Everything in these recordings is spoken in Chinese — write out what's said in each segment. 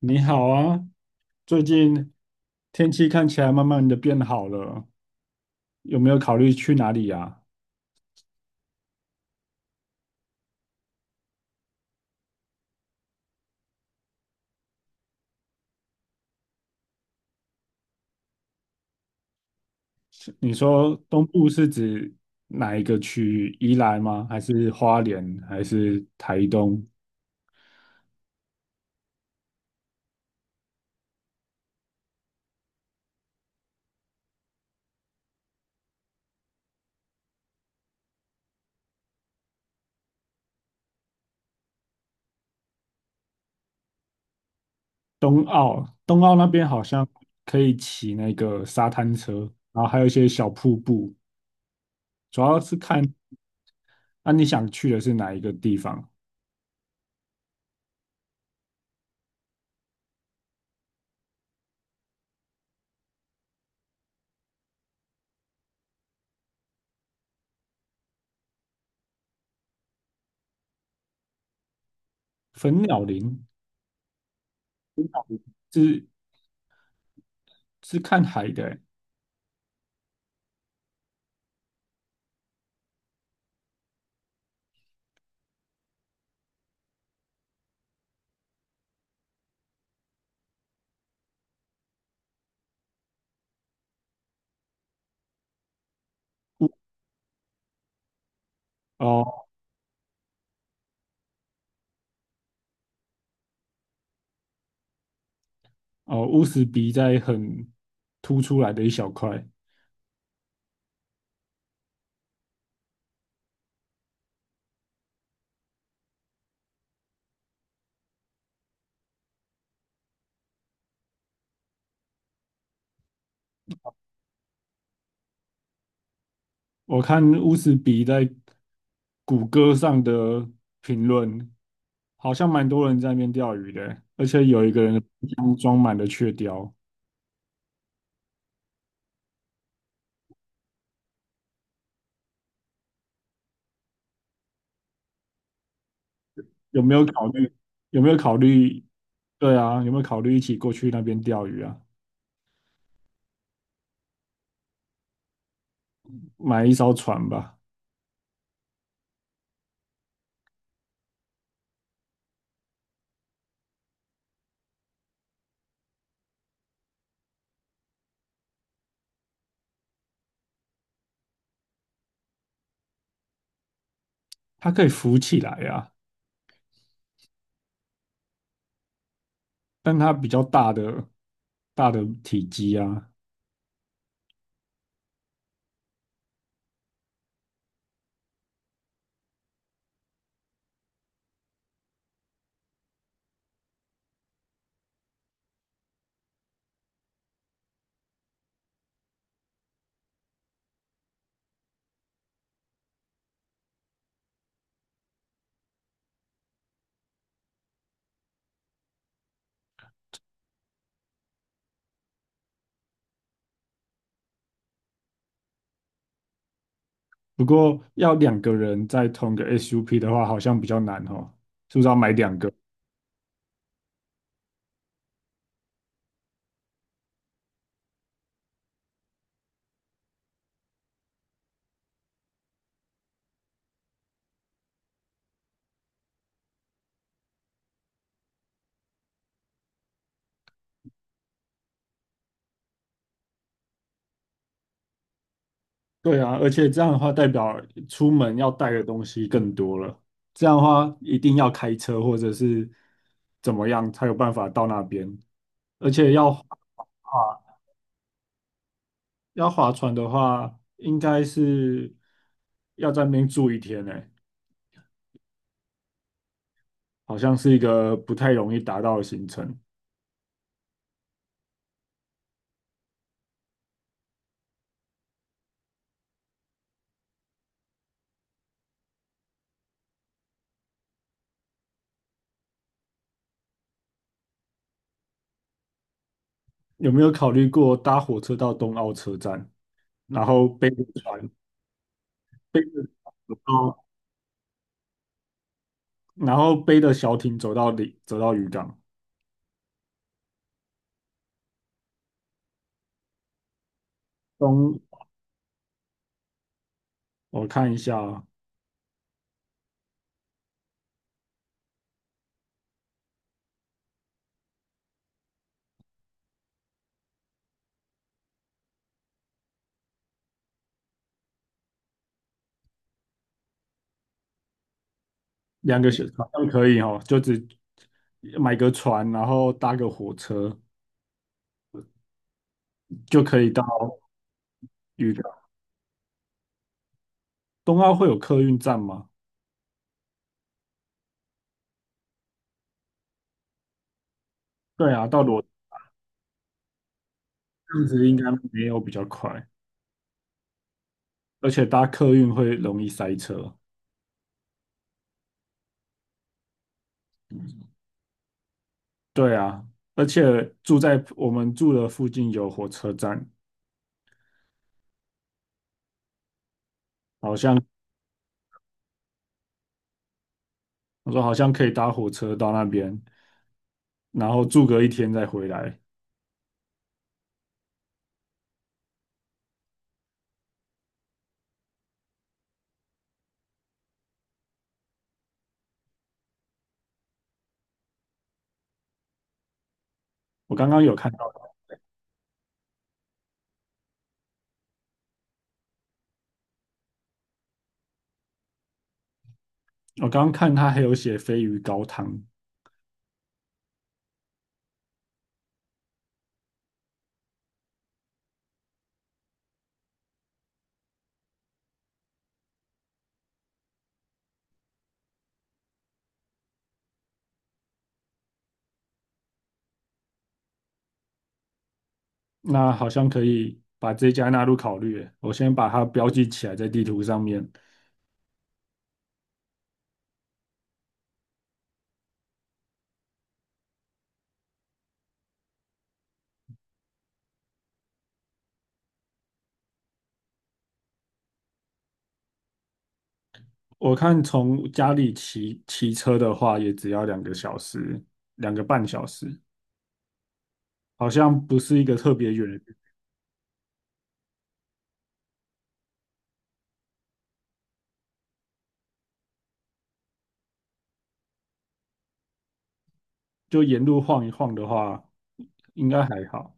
你好啊，最近天气看起来慢慢的变好了，有没有考虑去哪里啊？你说东部是指哪一个区域？宜兰吗？还是花莲？还是台东？东澳那边好像可以骑那个沙滩车，然后还有一些小瀑布，主要是看。那你想去的是哪一个地方？粉鸟林是是看海的欸。哦。哦，乌斯鼻在很凸出来的一小块。我看乌斯鼻在谷歌上的评论，好像蛮多人在那边钓鱼的，而且有一个人的冰箱装满了雀鲷。有没有考虑？有没有考虑？对啊，有没有考虑一起过去那边钓鱼啊？买一艘船吧，它可以浮起来啊，但它比较大的体积啊。不过要2个人在同一个 SUP 的话，好像比较难哦，是不是要买两个？对啊，而且这样的话，代表出门要带的东西更多了。这样的话，一定要开车或者是怎么样才有办法到那边。而且要划船的话，应该是要在那边住一天呢。好像是一个不太容易达到的行程。有没有考虑过搭火车到东澳车站，然后背着船然后背着小艇走到里，走到渔港。东，我看一下哦。两个小时好像可以哦，就只买个船，然后搭个火车就可以到渔港。东澳会有客运站吗？对啊，到罗。这样子应该没有比较快，而且搭客运会容易塞车。对啊，而且住在我们住的附近有火车站，好像。我说好像可以搭火车到那边，然后住个一天再回来。我刚刚有看到。我刚刚看他还有写鲱鱼高汤，那好像可以把这家纳入考虑耶。我先把它标记起来在地图上面。我看从家里骑车的话，也只要两个小时，两个半小时，好像不是一个特别远的地。就沿路晃一晃的话，应该还好。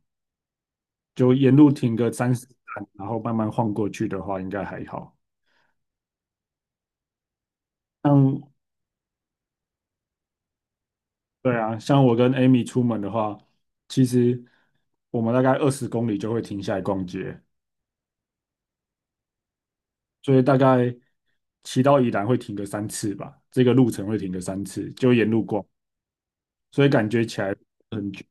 就沿路停个30站，然后慢慢晃过去的话，应该还好。像对啊，像我跟 Amy 出门的话，其实我们大概20公里就会停下来逛街，所以大概骑到宜兰会停个三次吧，这个路程会停个三次，就沿路逛，所以感觉起来很久。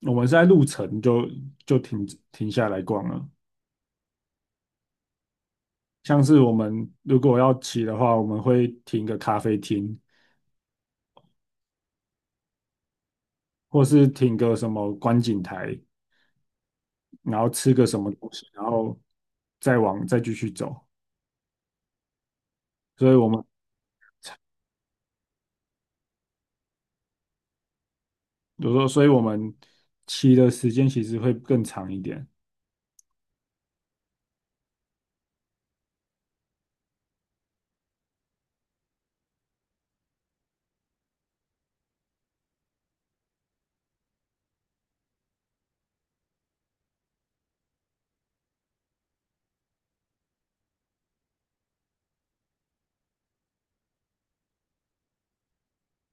我们是在路程就就停停下来逛了，像是我们如果要骑的话，我们会停个咖啡厅，或是停个什么观景台，然后吃个什么东西，然后再继续走。所以我们。比如说，所以我们骑的时间其实会更长一点。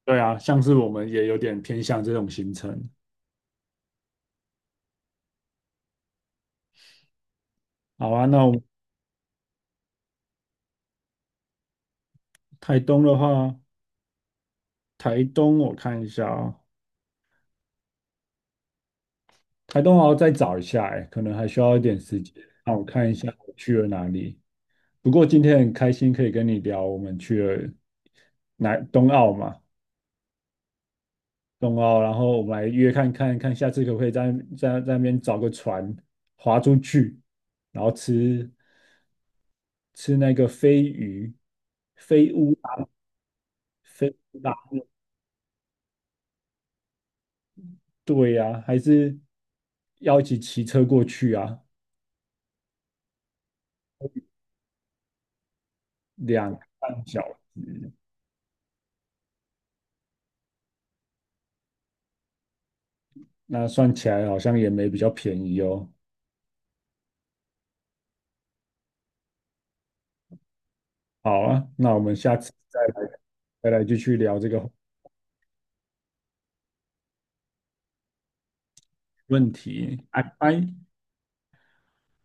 对啊，像是我们也有点偏向这种行程。好啊，那我们。台东的话，台东我看一下啊，台东我要再找一下，哎，可能还需要一点时间。那我看一下我去了哪里。不过今天很开心可以跟你聊，我们去了南东澳嘛，东澳，然后我们来约看看，下次可不可以在那边找个船划出去，然后吃那个飞鱼、飞乌拉、飞乌拉，对呀、还是要一起骑车过去啊，两个半小时，那算起来好像也没比较便宜哦。好啊，那我们下次再来继续聊这个问题，拜拜。